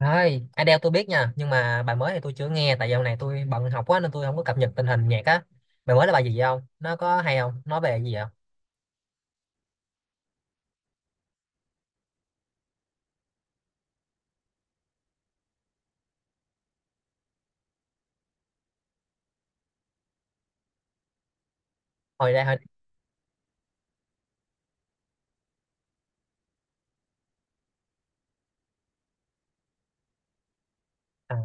Thôi, Adele tôi biết nha, nhưng mà bài mới thì tôi chưa nghe tại dạo này tôi bận học quá nên tôi không có cập nhật tình hình nhạc á. Bài mới là bài gì vậy không? Nó có hay không? Nói về gì vậy? Hồi đây hồi à,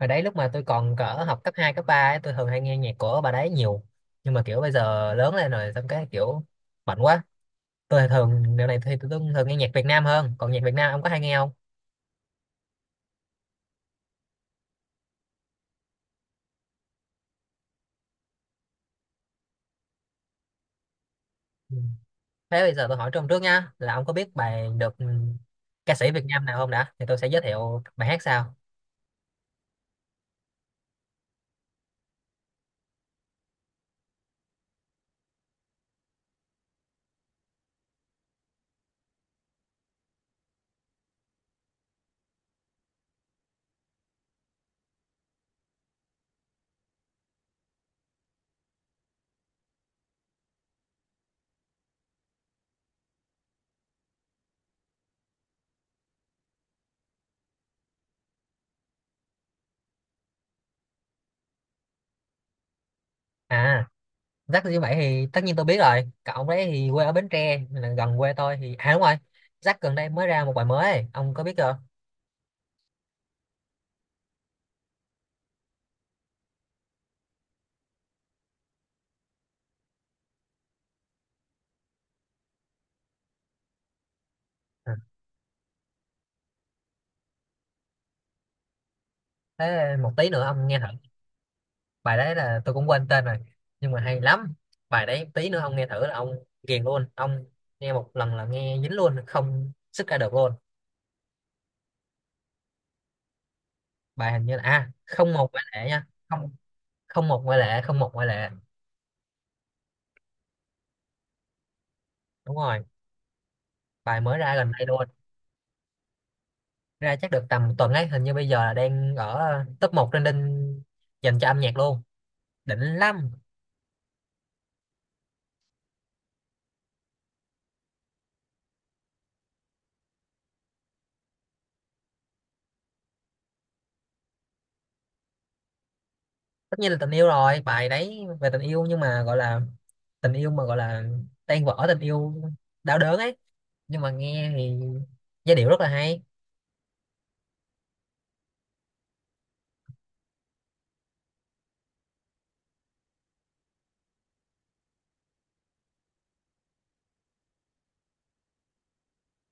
Hồi đấy lúc mà tôi còn cỡ học cấp 2 cấp 3 ấy, tôi thường hay nghe nhạc của bà đấy nhiều. Nhưng mà kiểu bây giờ lớn lên rồi xong cái kiểu bận quá. Tôi thì thường dạo này thì tôi thường nghe nhạc Việt Nam hơn, còn nhạc Việt Nam ông có hay nghe không? Ừ. Thế bây giờ tôi hỏi trong trước nha, là ông có biết bài được ca sĩ Việt Nam nào không đã? Thì tôi sẽ giới thiệu bài hát sau. À, Rắc như vậy thì tất nhiên tôi biết rồi, cậu ông đấy thì quê ở Bến Tre nên là gần quê tôi, thì à đúng rồi. Rắc gần đây mới ra một bài mới ấy. Ông có biết chưa? Ừ. Thế một tí nữa ông nghe thử, bài đấy là tôi cũng quên tên rồi nhưng mà hay lắm. Bài đấy tí nữa ông nghe thử là ông ghiền luôn ông, nghe một lần là nghe dính luôn không sức ra được luôn. Bài hình như là, à không, một ngoại lệ nha, không không một ngoại lệ, không một ngoại lệ. Đúng rồi, bài mới ra gần đây luôn. Ra chắc được tầm tuần ấy, hình như bây giờ là đang ở top 1 trending dành cho âm nhạc luôn, định lắm. Tất nhiên là tình yêu rồi, bài đấy về tình yêu nhưng mà gọi là tình yêu mà gọi là tan vỡ tình yêu, đau đớn ấy, nhưng mà nghe thì giai điệu rất là hay.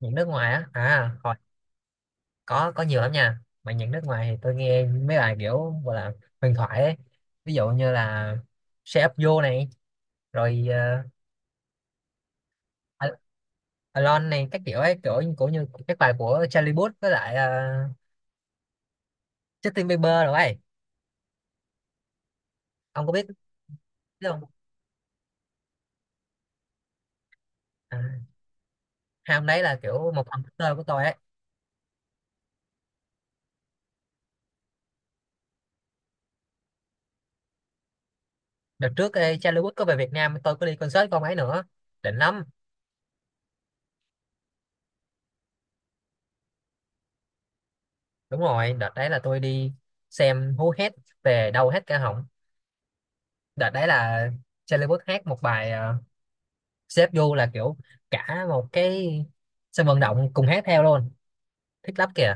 Những nước ngoài á, à hồi, có nhiều lắm nha, mà những nước ngoài thì tôi nghe mấy bài kiểu gọi là huyền thoại ấy, ví dụ như là Shape Up You này, rồi Al-, Alone này, các kiểu ấy, kiểu như cũng như các bài của Charlie Puth với lại Justin Bieber rồi ấy. Ông có biết, biết không? À, hai ông đấy là kiểu một phần của tôi ấy. Đợt trước, ê, Charlie Puth có về Việt Nam, tôi có đi concert con ấy nữa, đỉnh lắm. Đúng rồi, đợt đấy là tôi đi xem hú hét về đau hết cả họng. Đợt đấy là Charlie Puth hát một bài Save You, là kiểu cả một cái sân vận động cùng hát theo luôn, thích lắm kìa.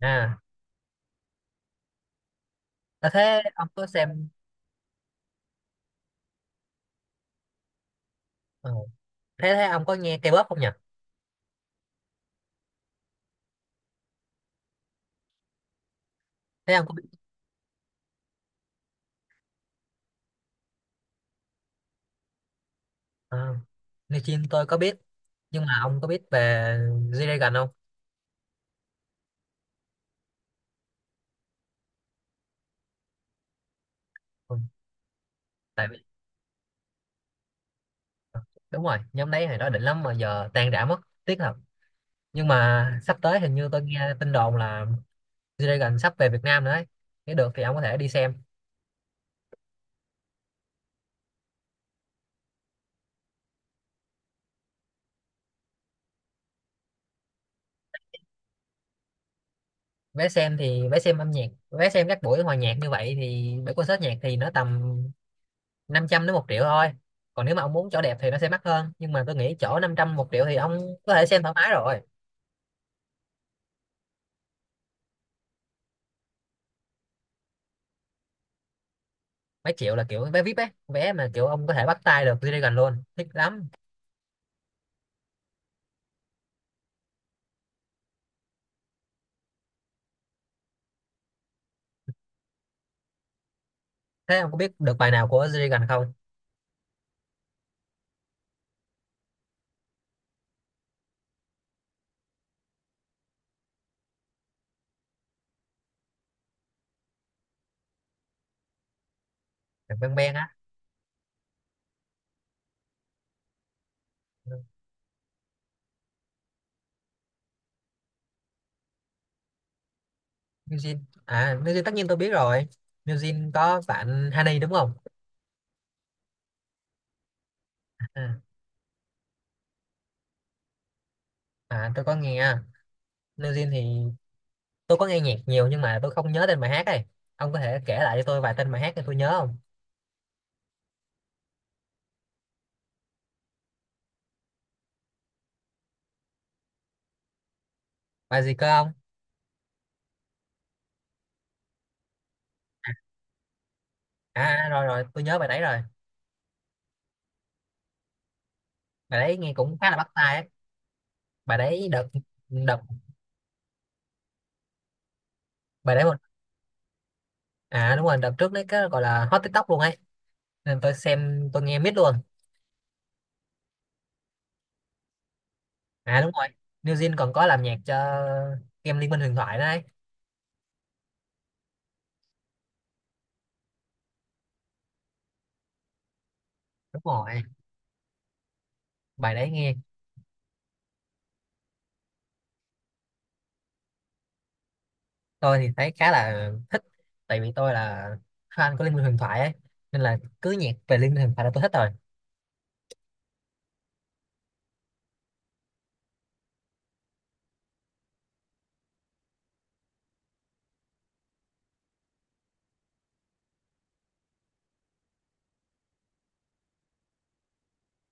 À, à, thế ông có xem? Ờ, thế thế ông có nghe K-pop không nhỉ? Thế ông có biết, à, New Jeans tôi có biết, nhưng mà ông có biết về G-Dragon không? Ừ, tại vì ờ, đúng rồi, nhóm đấy hồi đó đỉnh lắm mà giờ tan rã mất, tiếc thật. Nhưng mà sắp tới hình như tôi nghe tin đồn là G-Dragon sắp về Việt Nam nữa ấy. Nếu được thì ông có thể đi xem. Vé xem thì vé xem âm nhạc, vé xem các buổi hòa nhạc như vậy thì buổi concert nhạc thì nó tầm 500 đến một triệu thôi. Còn nếu mà ông muốn chỗ đẹp thì nó sẽ mắc hơn, nhưng mà tôi nghĩ chỗ năm trăm một triệu thì ông có thể xem thoải mái rồi. Mấy triệu là kiểu vé VIP ấy, vé mà kiểu ông có thể bắt tay được G-Dragon luôn, thích lắm. Thế ông có biết được bài nào của G-Dragon không? Được, Ben Ben á. New Jeans à, New Jeans tất nhiên tôi biết rồi. New Jeans có bạn Honey đúng không? À. À tôi có nghe, New Jeans thì tôi có nghe nhạc nhiều nhưng mà tôi không nhớ tên bài hát ấy. Ông có thể kể lại cho tôi vài tên bài hát để tôi nhớ không? Bài gì cơ ông? À à, rồi rồi tôi nhớ bài đấy rồi. Bài đấy nghe cũng khá là bắt tai ấy. Bài đấy đợt đợt bài đấy à đúng rồi, đợt trước đấy cái gọi là hot TikTok luôn ấy. Nên tôi xem tôi nghe miết luôn. À đúng rồi. New Jeans còn có làm nhạc cho game Liên minh huyền thoại đấy. Đúng rồi. Bài đấy nghe, tôi thì thấy khá là thích tại vì tôi là fan của Liên minh huyền thoại ấy. Nên là cứ nhạc về Liên minh huyền thoại là tôi thích rồi.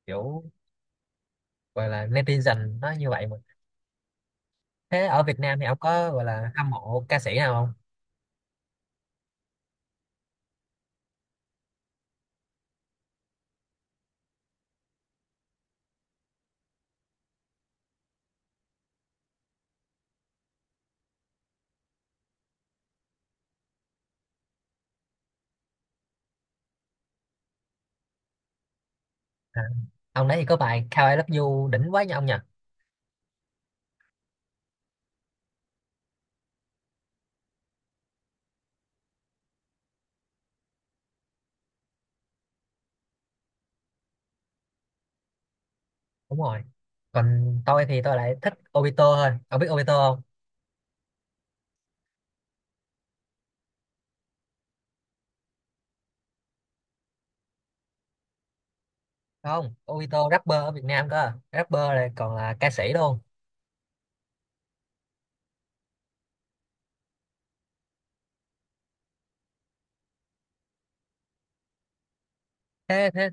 Kiểu gọi là netizen nó như vậy mà. Thế ở Việt Nam thì ông có gọi là hâm mộ ca sĩ nào không? À, ông đấy thì có bài How I Love You đỉnh quá nha ông nhỉ. Đúng rồi, còn tôi thì tôi lại thích Obito thôi, ông biết Obito không? Không, Obito rapper ở Việt Nam cơ, rapper này còn là ca sĩ luôn. Thế thế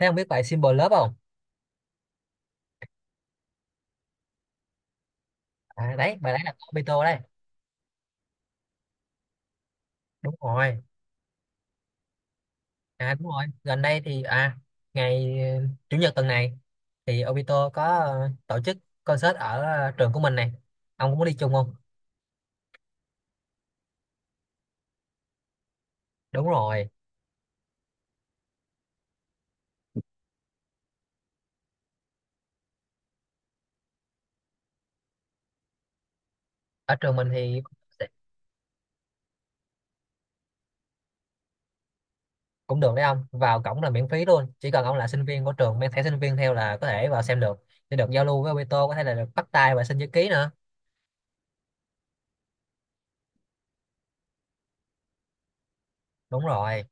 thế ông biết bài Symbol Love không? À, đấy bài đấy là của Obito đấy. Đúng rồi. À đúng rồi gần đây thì à, ngày chủ nhật tuần này thì Obito có tổ chức concert ở trường của mình này, ông cũng muốn đi chung không? Đúng rồi, ở trường mình thì cũng được đấy, ông vào cổng là miễn phí luôn, chỉ cần ông là sinh viên của trường mang thẻ sinh viên theo là có thể vào xem được, để được giao lưu với Obito, có thể là được bắt tay và xin chữ ký nữa. Đúng rồi,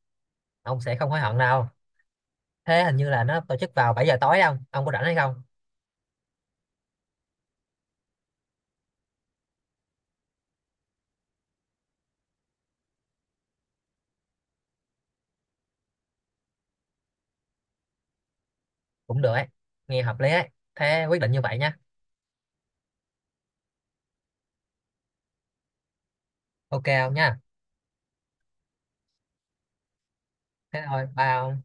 ông sẽ không hối hận đâu. Thế hình như là nó tổ chức vào 7 giờ tối không ông? Ông có rảnh hay không? Cũng được ấy, nghe hợp lý ấy, thế quyết định như vậy nhá. Ok ông nha, thế thôi bye ông.